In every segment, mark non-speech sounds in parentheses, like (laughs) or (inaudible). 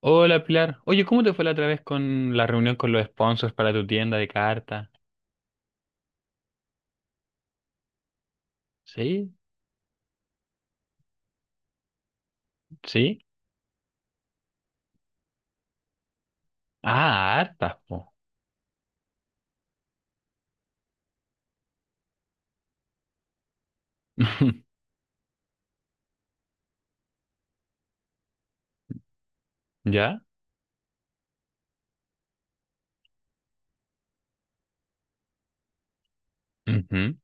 Hola, Pilar. Oye, ¿cómo te fue la otra vez con la reunión con los sponsors para tu tienda de cartas? ¿Sí? ¿Sí? Ah, hartas, po. (laughs) ¿Ya? Ujú.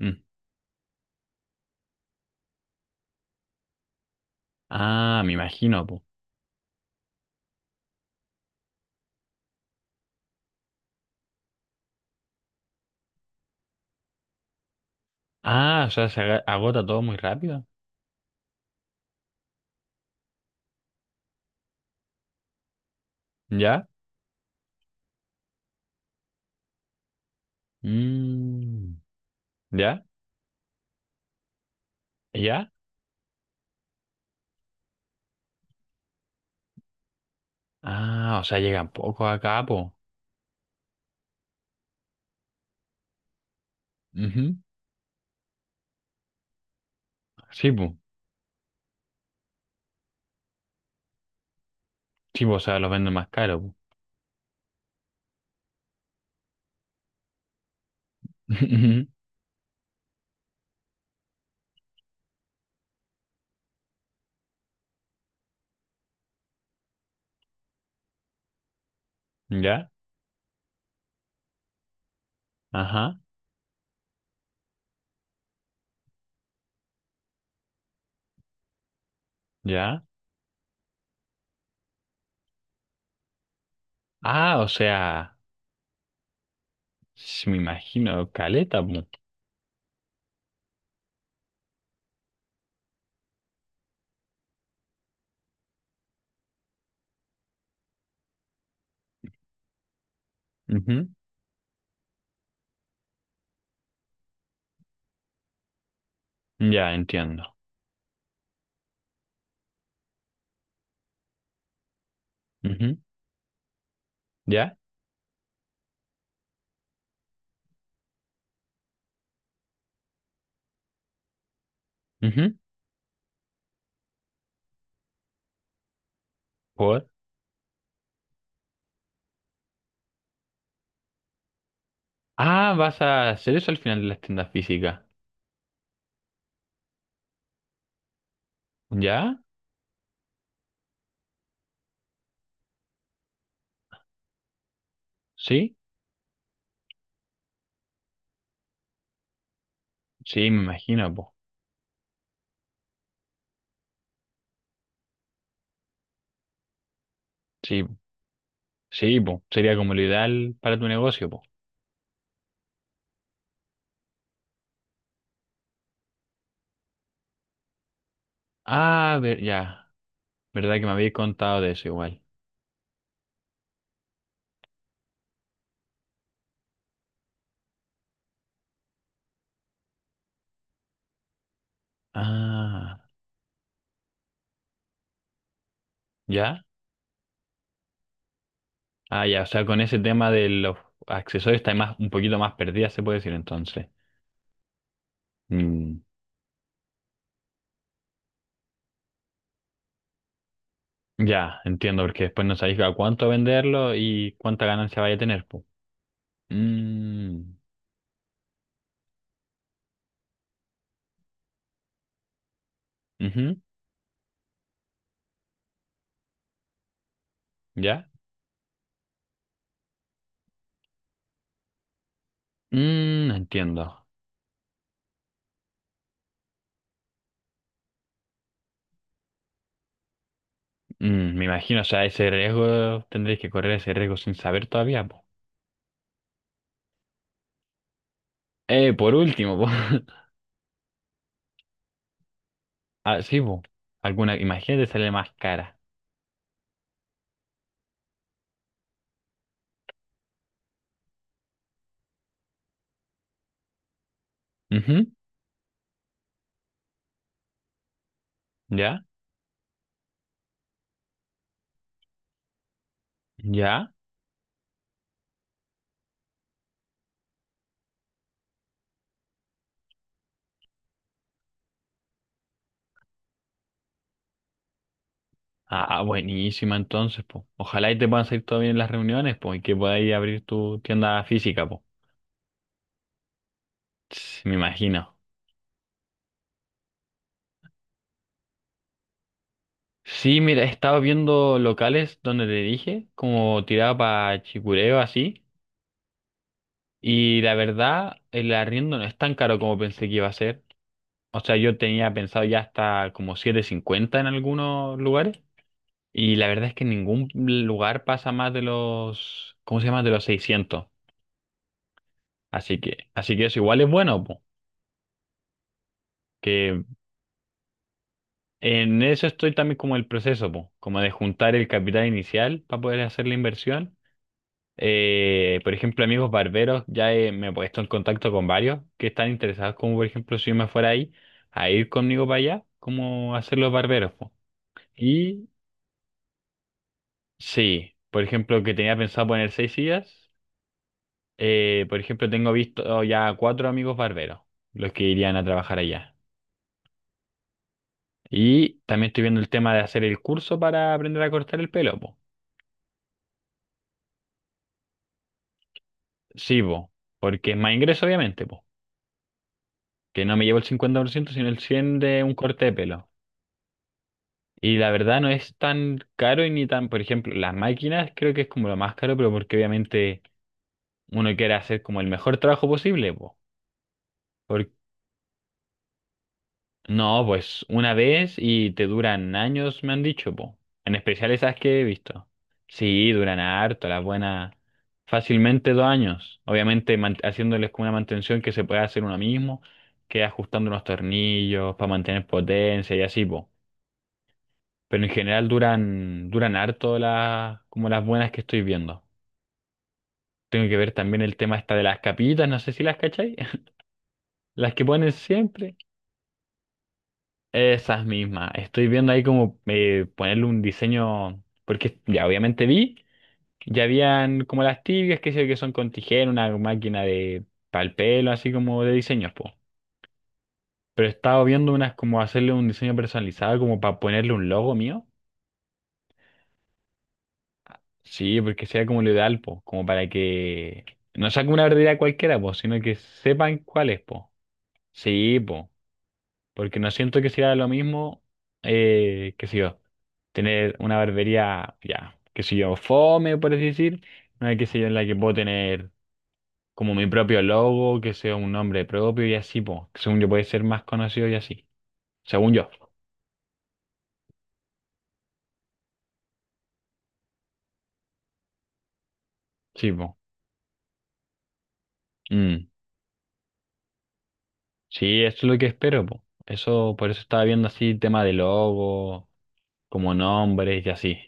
Mm. Ah, me imagino, po. Ah, o sea, agota todo muy rápido. ¿Ya? Mm. ¿Ya? ¿Ya? Ah, o sea, llegan pocos acá, po. Ujú. Sí, po. Sí, po, o sea, los venden más caro, po. (laughs) Ujú. ¿Ya? Ajá, ¿ya? Ah, o sea, me imagino, caleta, po. Ya, entiendo. Ujú. ¿Ya? Ujú. ¿Por? Ah, vas a hacer eso al final, de las tiendas físicas. ¿Ya? ¿Sí? Sí, me imagino, po. Sí, po. Sí, po. Sería como lo ideal para tu negocio, po. Ah, ver, ya. ¿Verdad que me habías contado de eso igual? Ah, ¿ya? Ah, ya. O sea, con ese tema de los accesorios está más, un poquito más perdida, se puede decir entonces. Mm, ya, entiendo, porque después no sabéis a cuánto venderlo y cuánta ganancia vaya a tener, po. Mm. Ujú. ¿Ya? Mm, entiendo. Mm, me imagino, o sea, ese riesgo, tendréis que correr ese riesgo sin saber todavía, po. Por último, po. (laughs) Ah, sí, po. Alguna, imagínate, sale más cara. Ujú. ¿Ya? ¿Ya? Ah, buenísima entonces, po. Ojalá y te puedan salir todo bien las reuniones, po, y que podáis abrir tu tienda física, po. Ts, me imagino. Sí, mira, he estado viendo locales donde te dije, como tirado para Chicureo, así. Y la verdad, el arriendo no es tan caro como pensé que iba a ser. O sea, yo tenía pensado ya hasta como 750 en algunos lugares. Y la verdad es que en ningún lugar pasa más de los, ¿cómo se llama? De los 600. Así que eso igual es bueno, po. Que en eso estoy también, como el proceso, po, como de juntar el capital inicial para poder hacer la inversión. Por ejemplo, amigos barberos, me he puesto en contacto con varios que están interesados, como por ejemplo, si yo me fuera ahí, a ir conmigo para allá, como hacer los barberos, po. Y sí, por ejemplo, que tenía pensado poner 6 sillas, por ejemplo, tengo visto ya 4 amigos barberos, los que irían a trabajar allá. Y también estoy viendo el tema de hacer el curso para aprender a cortar el pelo, po. Sí, po, porque es más ingreso, obviamente, po, que no me llevo el 50% sino el 100% de un corte de pelo. Y la verdad no es tan caro y ni tan, por ejemplo, las máquinas creo que es como lo más caro, pero porque obviamente uno quiere hacer como el mejor trabajo posible, po. Por- no, pues una vez y te duran años, me han dicho, po. En especial esas que he visto. Sí, duran harto, las buenas, fácilmente 2 años. Obviamente haciéndoles como una mantención que se puede hacer uno mismo, que ajustando unos tornillos para mantener potencia y así, po. Pero en general duran harto las, como las buenas que estoy viendo. Tengo que ver también el tema esta de las capitas, no sé si las cachai. (laughs) Las que ponen siempre. Esas mismas. Estoy viendo ahí como, ponerle un diseño, porque ya obviamente vi, ya habían como las tibias, que sé yo, que son con tijera, una máquina de pal pelo, así como de diseños, po. Pero he estado viendo unas como hacerle un diseño personalizado, como para ponerle un logo mío. Sí, porque sea como lo ideal, po, como para que no sea como una verdadera cualquiera, po, sino que sepan cuál es, po. Sí, po, porque no siento que sea lo mismo, qué sé yo, tener una barbería, ya, qué sé yo, fome, por así decir, una qué sé yo, en la que puedo tener como mi propio logo, que sea un nombre propio y así, po, que según yo puede ser más conocido y así, según yo, sí, po. Mm. Sí, eso es lo que espero, po. Eso, por eso estaba viendo así tema de logo, como nombres y así.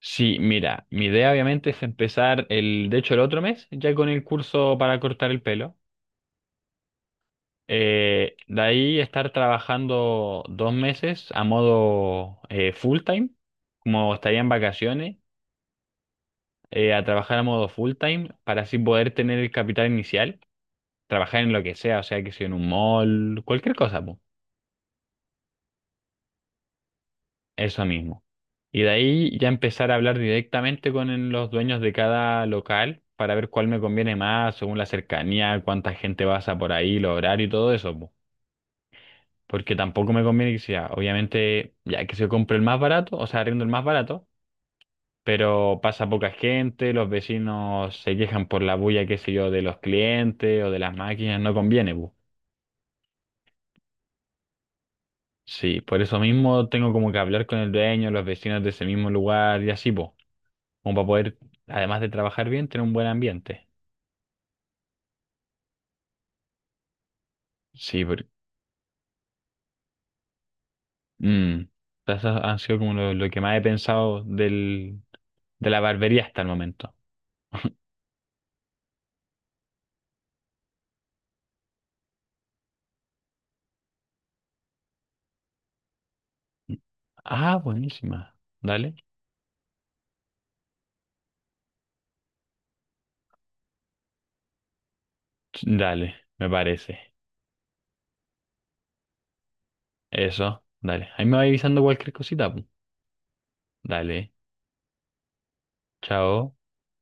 Sí, mira, mi idea obviamente es empezar el, de hecho el otro mes, ya con el curso para cortar el pelo. De ahí estar trabajando 2 meses a modo, full time, como estaría en vacaciones, a trabajar a modo full time para así poder tener el capital inicial, trabajar en lo que sea, o sea que sea en un mall, cualquier cosa, po. Eso mismo. Y de ahí ya empezar a hablar directamente con los dueños de cada local para ver cuál me conviene más, según la cercanía, cuánta gente pasa por ahí, los horarios y todo eso, po. Porque tampoco me conviene que sea, obviamente, ya que se compre el más barato, o sea, arriendo el más barato, pero pasa poca gente, los vecinos se quejan por la bulla, qué sé yo, de los clientes o de las máquinas, no conviene, po. Sí, por eso mismo tengo como que hablar con el dueño, los vecinos de ese mismo lugar y así, po, como para poder, además de trabajar bien, tener un buen ambiente. Sí, porque mm, eso ha sido como lo que más he pensado del, de la barbería hasta el momento. Ah, buenísima. Dale. Dale, me parece. Eso, dale. Ahí me va avisando cualquier cosita, pu. Dale. Chao.